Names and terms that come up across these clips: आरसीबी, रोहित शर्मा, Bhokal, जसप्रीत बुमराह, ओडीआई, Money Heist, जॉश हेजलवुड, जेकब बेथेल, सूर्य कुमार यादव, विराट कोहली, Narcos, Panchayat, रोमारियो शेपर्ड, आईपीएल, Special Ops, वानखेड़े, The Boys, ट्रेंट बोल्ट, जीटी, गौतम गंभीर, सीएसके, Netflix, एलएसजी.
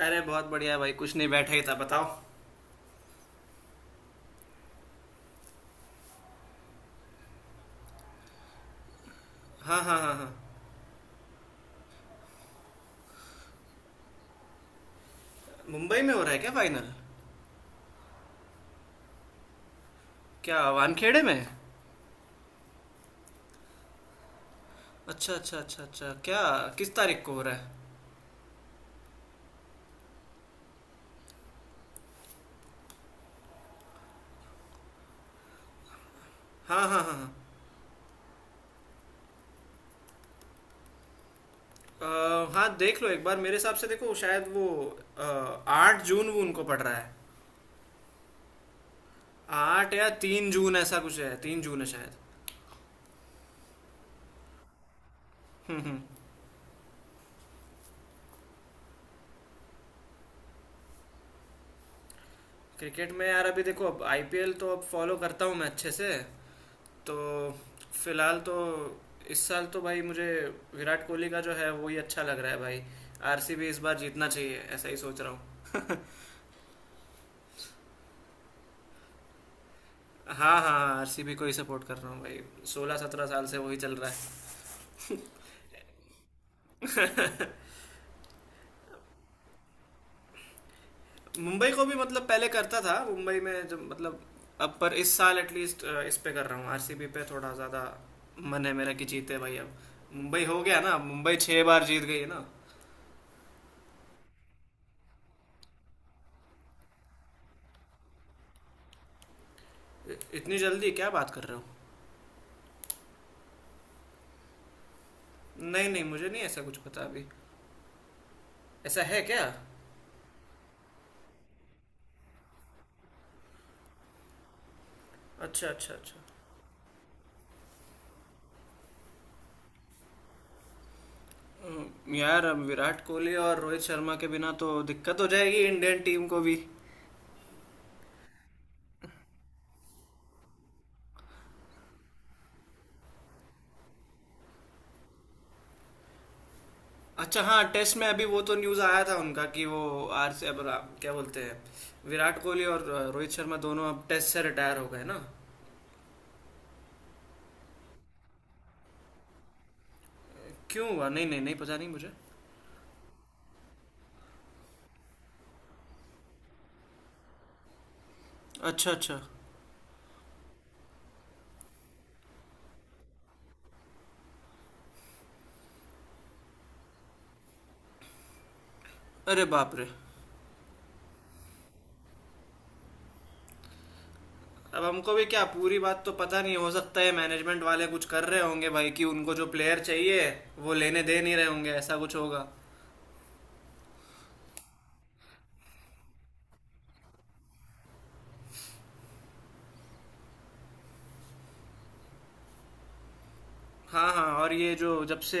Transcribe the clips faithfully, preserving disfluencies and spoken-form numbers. अरे बहुत बढ़िया भाई, कुछ नहीं, बैठा ही था, बताओ। हाँ हाँ हाँ हाँ। मुंबई में हो रहा है क्या फाइनल? क्या वानखेड़े में? अच्छा अच्छा अच्छा अच्छा। क्या, किस तारीख को हो रहा है? हाँ हाँ हाँ हाँ। अ, हाँ, देख लो एक बार, मेरे हिसाब से देखो शायद वो अ, आठ जून वो उनको पड़ रहा है। आठ या तीन जून ऐसा कुछ है, तीन जून है शायद। क्रिकेट में यार, अभी देखो, अब आईपीएल तो अब फॉलो करता हूँ मैं अच्छे से, तो फिलहाल तो, इस साल तो भाई मुझे विराट कोहली का जो है वो ही अच्छा लग रहा है भाई। आरसीबी इस बार जीतना चाहिए, ऐसा ही सोच रहा हूँ। हाँ हाँ, आरसीबी को ही सपोर्ट कर रहा हूँ भाई। सोलह सत्रह साल से वही चल रहा है। मुंबई को भी मतलब पहले करता था, मुंबई में जब, मतलब अब, पर इस साल एटलीस्ट इस पे कर रहा हूँ, आरसीबी पे थोड़ा ज़्यादा मन है मेरा कि जीते भाई अब। मुंबई हो गया ना, मुंबई छह बार जीत गई है ना। इ- इतनी जल्दी क्या बात कर रहे हो? नहीं नहीं, मुझे नहीं ऐसा कुछ पता अभी। ऐसा है क्या? अच्छा अच्छा अच्छा। हम्म, यार, अब विराट कोहली और रोहित शर्मा के बिना तो दिक्कत हो जाएगी इंडियन टीम को भी। अच्छा, हाँ, टेस्ट में अभी वो तो न्यूज़ आया था उनका कि वो आर से अब रा- क्या बोलते हैं, विराट कोहली और अ, रोहित शर्मा दोनों अब टेस्ट से रिटायर हो गए ना। क्यों हुआ? नहीं नहीं नहीं, पता नहीं मुझे। अच्छा अच्छा। अरे बाप रे। अब हमको भी क्या, पूरी बात तो पता नहीं। हो सकता है मैनेजमेंट वाले कुछ कर रहे होंगे भाई कि उनको जो प्लेयर चाहिए वो लेने दे नहीं रहे होंगे, ऐसा कुछ होगा। हाँ हाँ, और ये जो जब से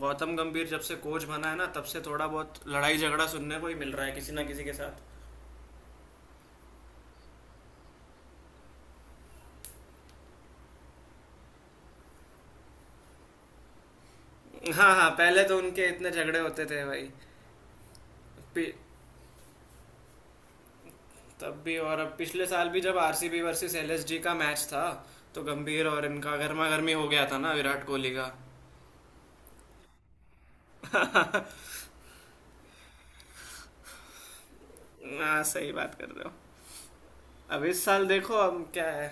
गौतम गंभीर जब से कोच बना है ना, तब से थोड़ा बहुत लड़ाई झगड़ा सुनने को ही मिल रहा है किसी ना किसी के साथ। हाँ हाँ, पहले तो उनके इतने झगड़े होते थे भाई। पि- तब भी, और अब पिछले साल भी जब आरसीबी वर्सेस एलएसजी का मैच था, तो गंभीर और इनका गर्मा गर्मी हो गया था ना, विराट कोहली का। हाँ, सही बात कर रहे हो। अब इस साल देखो अब क्या है।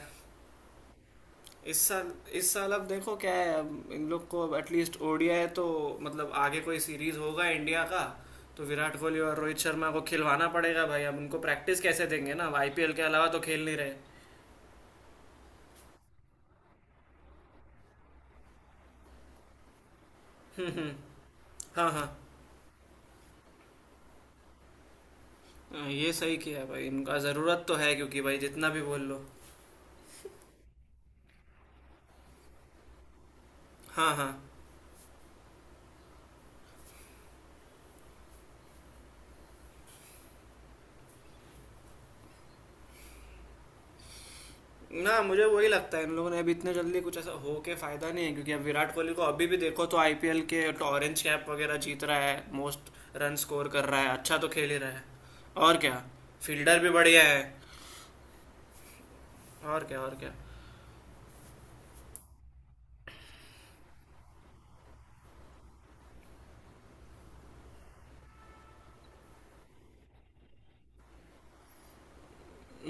इस साल इस साल अब देखो क्या है, अब इन लोग को अब एटलीस्ट ओडीआई तो, मतलब आगे कोई सीरीज होगा इंडिया का, तो विराट कोहली और रोहित शर्मा को खिलवाना पड़ेगा भाई, अब उनको प्रैक्टिस कैसे देंगे ना, आईपीएल के अलावा तो खेल नहीं रहे। हाँ हाँ, हाँ, ये सही किया भाई, इनका ज़रूरत तो है, क्योंकि भाई जितना भी बोल लो। हाँ हाँ, ना, मुझे वही लगता है, इन लोगों ने अभी इतने जल्दी कुछ ऐसा हो के फायदा नहीं है क्योंकि अब विराट कोहली को अभी भी देखो तो आईपीएल के तो ऑरेंज कैप वगैरह जीत रहा है, मोस्ट रन स्कोर कर रहा है, अच्छा तो खेल ही रहा है, और क्या, फील्डर भी बढ़िया है, और क्या, और क्या।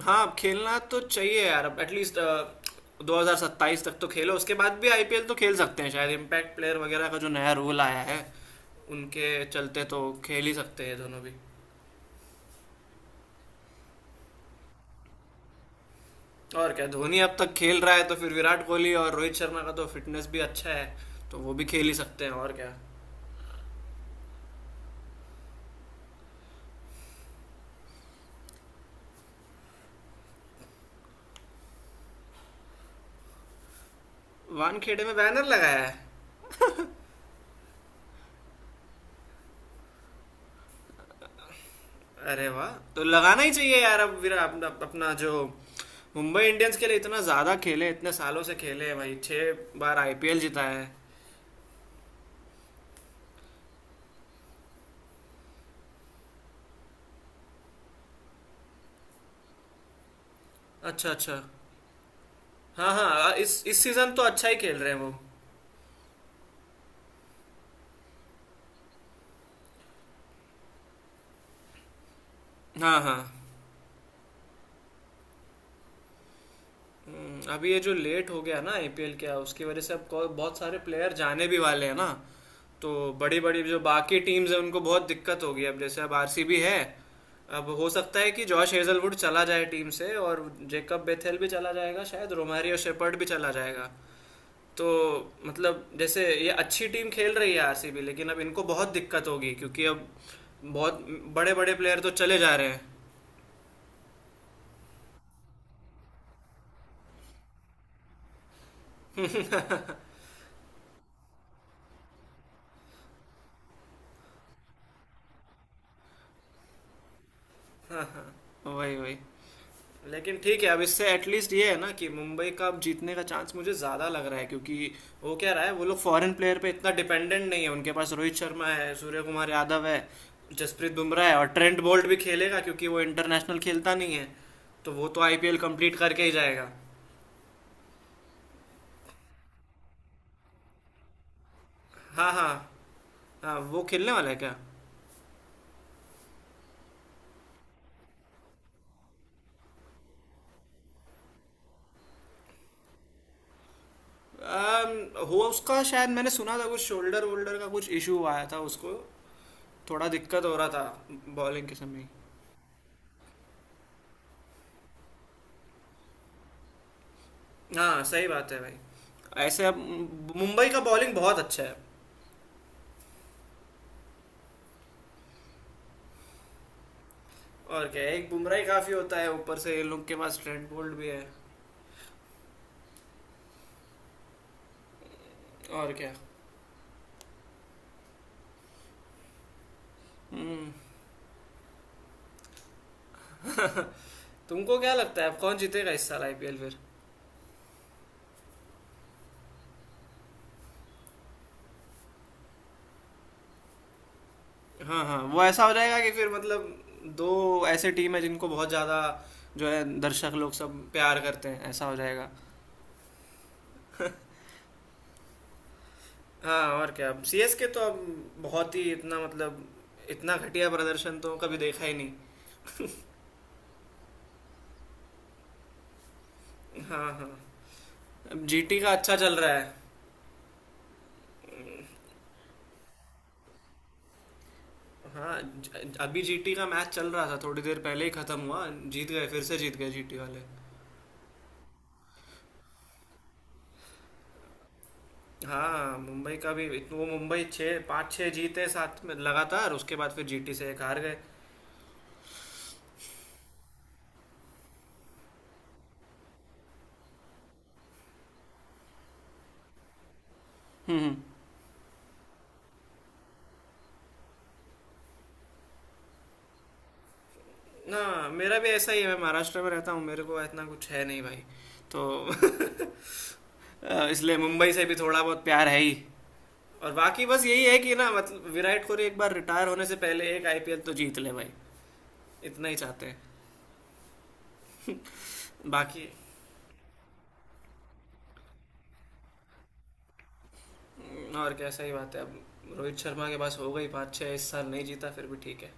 हाँ, अब खेलना तो चाहिए यार, अब एटलीस्ट दो हज़ार सत्ताईस तक तो खेलो, उसके बाद भी आईपीएल तो खेल सकते हैं शायद, इम्पैक्ट प्लेयर वगैरह का जो नया रूल आया है उनके चलते तो खेल ही सकते हैं दोनों भी, और क्या, धोनी अब तक खेल रहा है तो फिर विराट कोहली और रोहित शर्मा का तो फिटनेस भी अच्छा है, तो वो भी खेल ही सकते हैं, और क्या। वानखेड़े में बैनर लगाया है? अरे वाह, तो लगाना ही चाहिए यार। अब विरा अपना अपना जो मुंबई इंडियंस के लिए इतना ज़्यादा खेले, इतने सालों से खेले भाई, छः बार आईपीएल जिता है। अच्छा अच्छा। हाँ हाँ, इस इस सीज़न तो अच्छा ही खेल रहे हैं वो। हाँ हाँ। हम्म, अभी ये जो लेट हो गया ना आईपीएल, क्या उसकी वजह से अब को- बहुत सारे प्लेयर जाने भी वाले हैं ना, तो बड़ी बड़ी जो बाकी टीम्स हैं उनको बहुत दिक्कत होगी, अब जैसे अब आरसीबी है, अब हो सकता है कि जॉश हेजलवुड चला जाए टीम से, और जेकब बेथेल भी चला जाएगा शायद, रोमारियो शेपर्ड भी चला जाएगा, तो मतलब जैसे ये अच्छी टीम खेल रही है आरसीबी, लेकिन अब इनको बहुत दिक्कत होगी क्योंकि अब बहुत बड़े बड़े प्लेयर तो चले जा रहे हैं। वही वही। लेकिन ठीक है, अब इससे एटलीस्ट ये है ना कि मुंबई का अब जीतने का चांस मुझे ज़्यादा लग रहा है क्योंकि वो क्या रहा है, वो लोग फॉरेन प्लेयर पे इतना डिपेंडेंट नहीं है, उनके पास रोहित शर्मा है, सूर्य कुमार यादव है, जसप्रीत बुमराह है, और ट्रेंट बोल्ट भी खेलेगा क्योंकि वो इंटरनेशनल खेलता नहीं है, तो वो तो आईपीएल कंप्लीट करके ही जाएगा। हाँ हाँ, हाँ वो खेलने वाला है क्या? अम, हुआ उसका शायद, मैंने सुना था कुछ शोल्डर वोल्डर का कुछ इशू आया था उसको, थोड़ा दिक्कत हो रहा था बॉलिंग के समय। हाँ, सही बात है भाई, ऐसे अब मुंबई का बॉलिंग बहुत अच्छा है, और क्या है, एक बुमराह ही काफी होता है, ऊपर से इन लोग के पास ट्रेंट बोल्ट भी है, और क्या। तुमको क्या लगता है अब कौन जीतेगा इस साल आईपीएल फिर? हाँ हाँ, वो ऐसा हो जाएगा कि फिर मतलब दो ऐसे टीम है जिनको बहुत ज्यादा, जो है, दर्शक लोग सब प्यार करते हैं, ऐसा हो जाएगा। हाँ, और क्या, अब सीएसके तो अब बहुत ही, इतना मतलब, इतना घटिया प्रदर्शन तो कभी देखा ही नहीं। हाँ हाँ, अब जीटी का अच्छा चल रहा है। हाँ, ज- अभी जीटी का मैच चल रहा था, थोड़ी देर पहले ही खत्म हुआ, जीत गए, फिर से जीत गए जीटी वाले। हाँ, मुंबई का भी वो, मुंबई छः पाँच छः जीते साथ में लगातार, उसके बाद फिर जीटी से एक हार गए। हम्म हम्म। ना, मेरा भी ऐसा ही है, मैं महाराष्ट्र में रहता हूँ, मेरे को इतना कुछ है नहीं भाई, तो अ, इसलिए मुंबई से भी थोड़ा बहुत प्यार है ही, और बाकी बस यही है कि, ना, मतलब विराट कोहली एक बार रिटायर होने से पहले एक आईपीएल तो जीत ले भाई, इतना ही चाहते हैं बाकी। हम्म, और क्या, सही बात है, अब रोहित शर्मा के पास हो गई पाँच छः, इस साल नहीं जीता फिर भी ठीक है।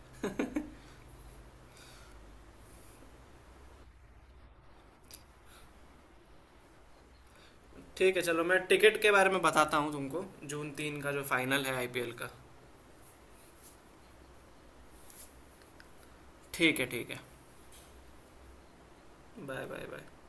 ठीक है, चलो, मैं टिकट के बारे में बताता हूँ तुमको, जून तीन का जो फाइनल है आईपीएल का। ठीक है ठीक है। Bye bye bye.